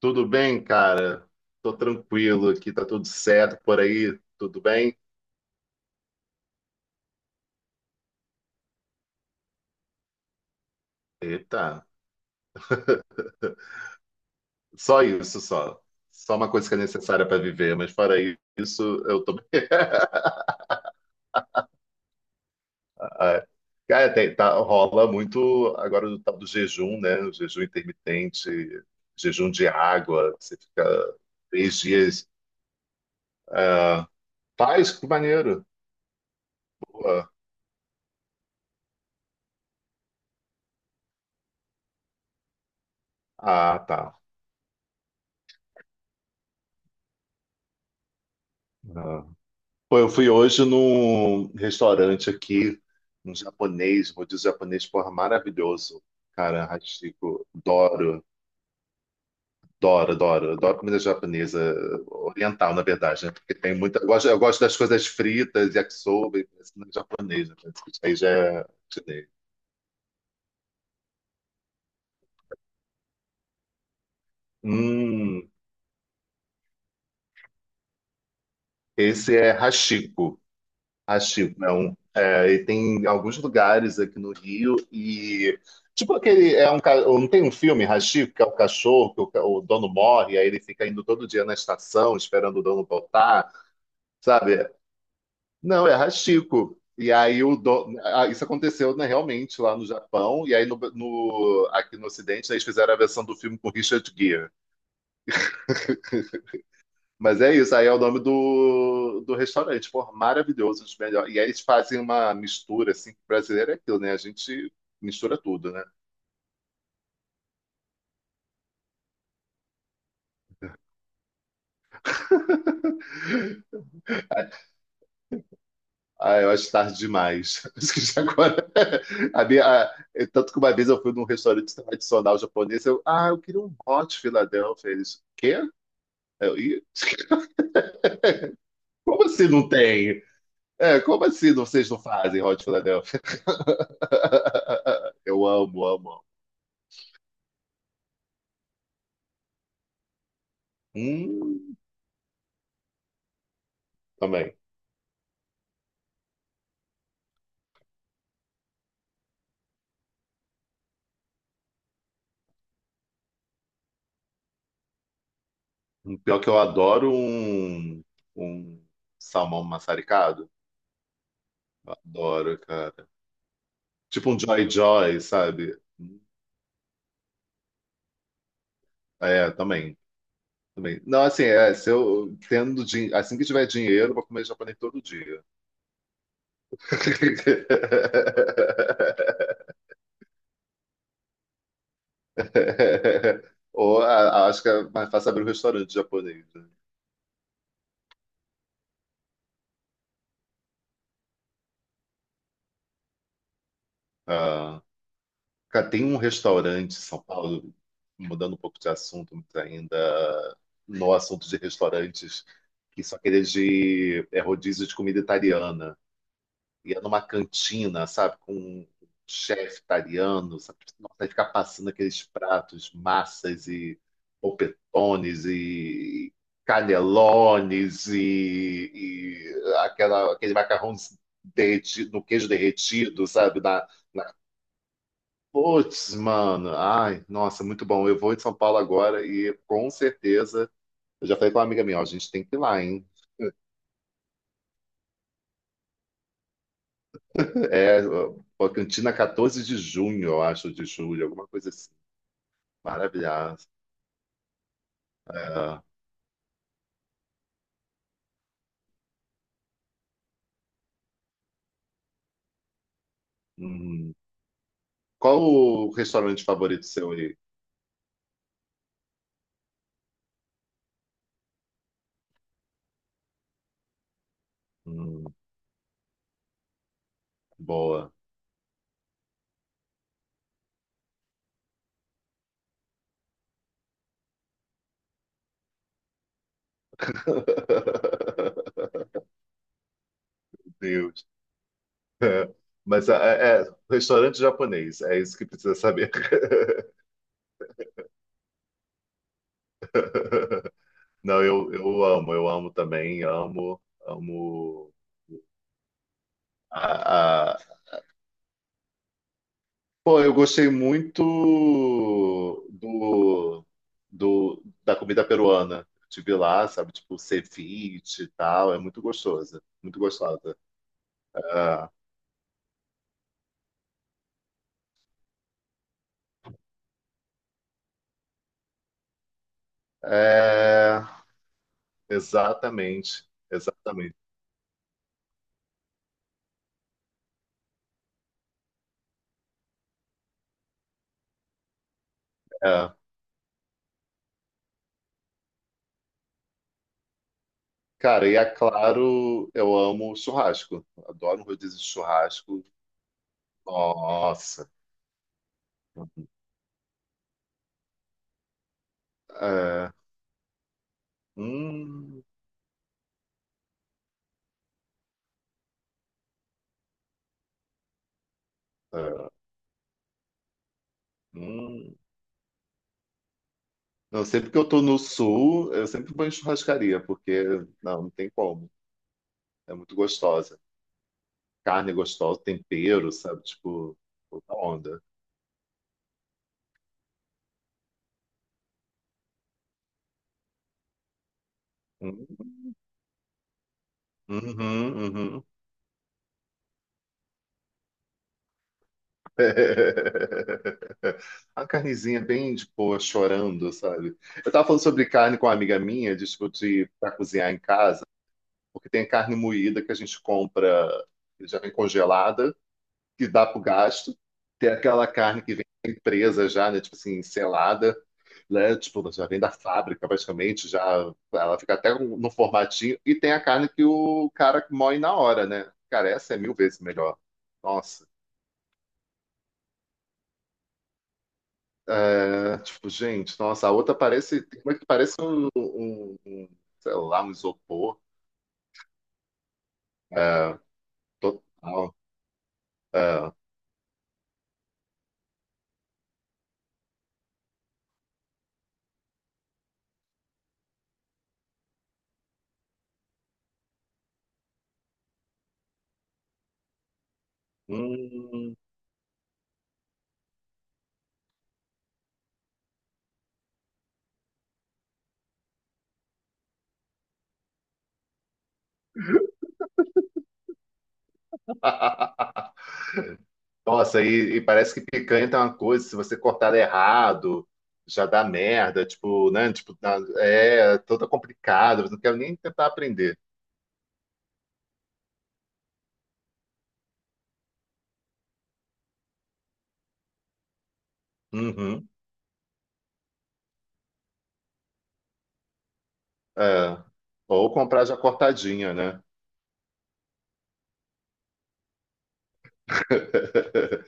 Tudo bem, cara? Tô tranquilo aqui, tá tudo certo por aí, tudo bem? Eita, só isso, só. Só uma coisa que é necessária para viver, mas fora isso, eu tô bem. Ah, cara, tá, rola muito agora do tal do jejum, né? O jejum intermitente, jejum de água, que você fica três dias. Ah, faz, que maneiro. Pô, ah, tá. Ah. Pô, eu fui hoje num restaurante aqui, um japonês, vou dizer japonês, porra, maravilhoso. Cara, Hachiko, adoro, adoro, adoro, adoro comida japonesa, oriental, na verdade, né? Porque tem muita. Eu gosto das coisas fritas, yakisoba, e isso não é japonês, né? Isso aí já é chinês. Hum, esse é Hachiko. Acho que não. É, e tem alguns lugares aqui no Rio e tipo aquele é um não tem um filme Hachiko que é o cachorro que o dono morre, aí ele fica indo todo dia na estação esperando o dono voltar, sabe? Não, é Hachiko. E aí o dono, ah, isso aconteceu, né, realmente lá no Japão, e aí aqui no Ocidente eles fizeram a versão do filme com Richard Gere. Mas é isso, aí é o nome do restaurante, pô, maravilhoso, um dos melhores. E aí eles fazem uma mistura, assim, que brasileiro é aquilo, né? A gente mistura tudo, né? Ah, eu acho tarde demais. Acho que já agora. A minha, a- eu- Tanto que uma vez eu fui num restaurante tradicional japonês, eu, ah, eu queria um hot Philadelphia. Eles, quê? Eu, "Ih, como assim não tem? É, como assim vocês não fazem hot Philadelphia? Eu amo, amo, amo. Hum, também. Pior que eu adoro um, um salmão maçaricado. Eu adoro, cara. Tipo um Joy Joy, sabe? É, também. Também. Não, assim, é, se eu assim que tiver dinheiro, eu vou comer japonês todo dia. Ou acho que é mais fácil abrir um restaurante japonês, né? Ah. Cara, tem um restaurante em São Paulo, mudando um pouco de assunto, mas ainda no assunto de restaurantes, que são aqueles de é rodízio de comida italiana. E é numa cantina, sabe, com um chefe italiano, sabe? Tipo, nossa, aí fica passando aqueles pratos, massas e polpetones e canelones e aquela, aquele macarrão derretido, no queijo derretido, sabe, putz, mano. Ai, nossa, muito bom. Eu vou em São Paulo agora, e com certeza. Eu já falei com uma amiga minha, ó, a gente tem que ir lá, hein? É, ó, Cantina 14 de junho, eu acho, de julho, alguma coisa assim. Maravilhosa. É, uhum. Qual o restaurante favorito seu aí? Hum, boa. Deus. É, mas é, é, restaurante japonês, é isso que precisa saber. Não, eu amo também, amo, amo. Pô, eu gostei muito do, do, da comida peruana. Tive lá, sabe, tipo, ceviche e tal, é muito gostosa, muito gostosa. É, é, exatamente, exatamente. É. Cara, e é claro, eu amo churrasco. Adoro um rodízio de churrasco. Nossa. É. Hum, é, hum. Não, sempre que eu tô no sul, eu sempre vou em churrascaria, porque não, não tem como. É muito gostosa. Carne gostosa, tempero, sabe? Tipo, outra onda. Hum, Uhum, uhum. A carnezinha bem, tipo, chorando, sabe? Eu tava falando sobre carne com uma amiga minha, de, tipo, de, pra cozinhar em casa, porque tem carne moída que a gente compra, que já vem congelada, que dá pro gasto, tem aquela carne que vem presa já, né? Tipo assim, selada, né? Tipo, já vem da fábrica, praticamente, já ela fica até no formatinho, e tem a carne que o cara moe na hora, né? Cara, essa é mil vezes melhor. Nossa. É, tipo, gente, nossa, a outra parece, tem uma que parece um, sei lá, um isopor. É, total. É, hum. Nossa, e parece que picanha tem uma coisa, se você cortar errado, já dá merda, tipo, né? Tipo, é toda complicada, eu não quero nem tentar aprender. Uhum, é. Ou comprar já cortadinha, né?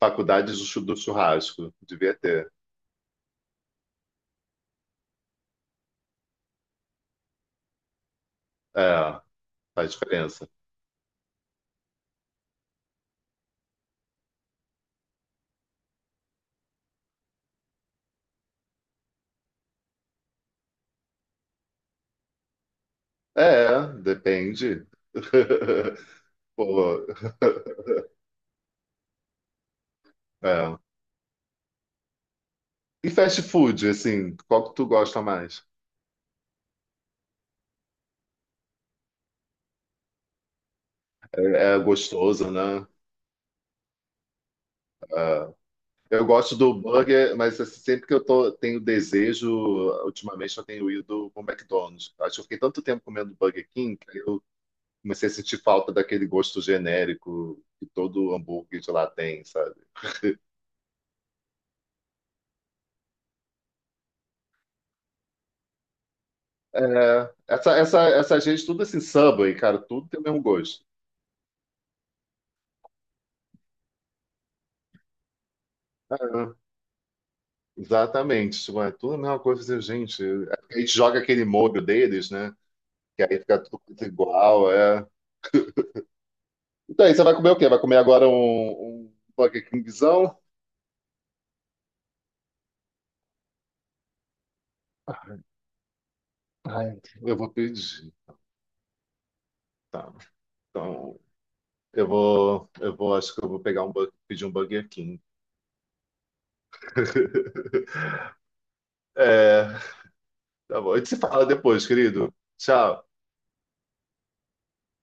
Faculdade do churrasco, devia ter. É, faz diferença. É, depende. Pô, é. E fast food, assim, qual que tu gosta mais? É gostoso, né? É. Eu gosto do burger, mas assim, sempre que eu tô, tenho desejo, ultimamente eu tenho ido pro McDonald's. Acho que eu fiquei tanto tempo comendo Burger King que eu comecei a sentir falta daquele gosto genérico que todo hambúrguer de lá tem, sabe? É, essa gente, tudo assim, Subway, cara, tudo tem o mesmo gosto. É, exatamente. Tipo, é tudo a mesma coisa, assim, gente. É porque a gente joga aquele molho deles, né? Que aí fica tudo igual, é. Então aí, você vai comer o quê? Vai comer agora um, um Burger Kingzão? Ai, eu vou pedir. Tá. Então, eu vou, acho que eu vou pegar um, pedir um Burger King. É, tá bom. A gente se fala depois, querido. Tchau.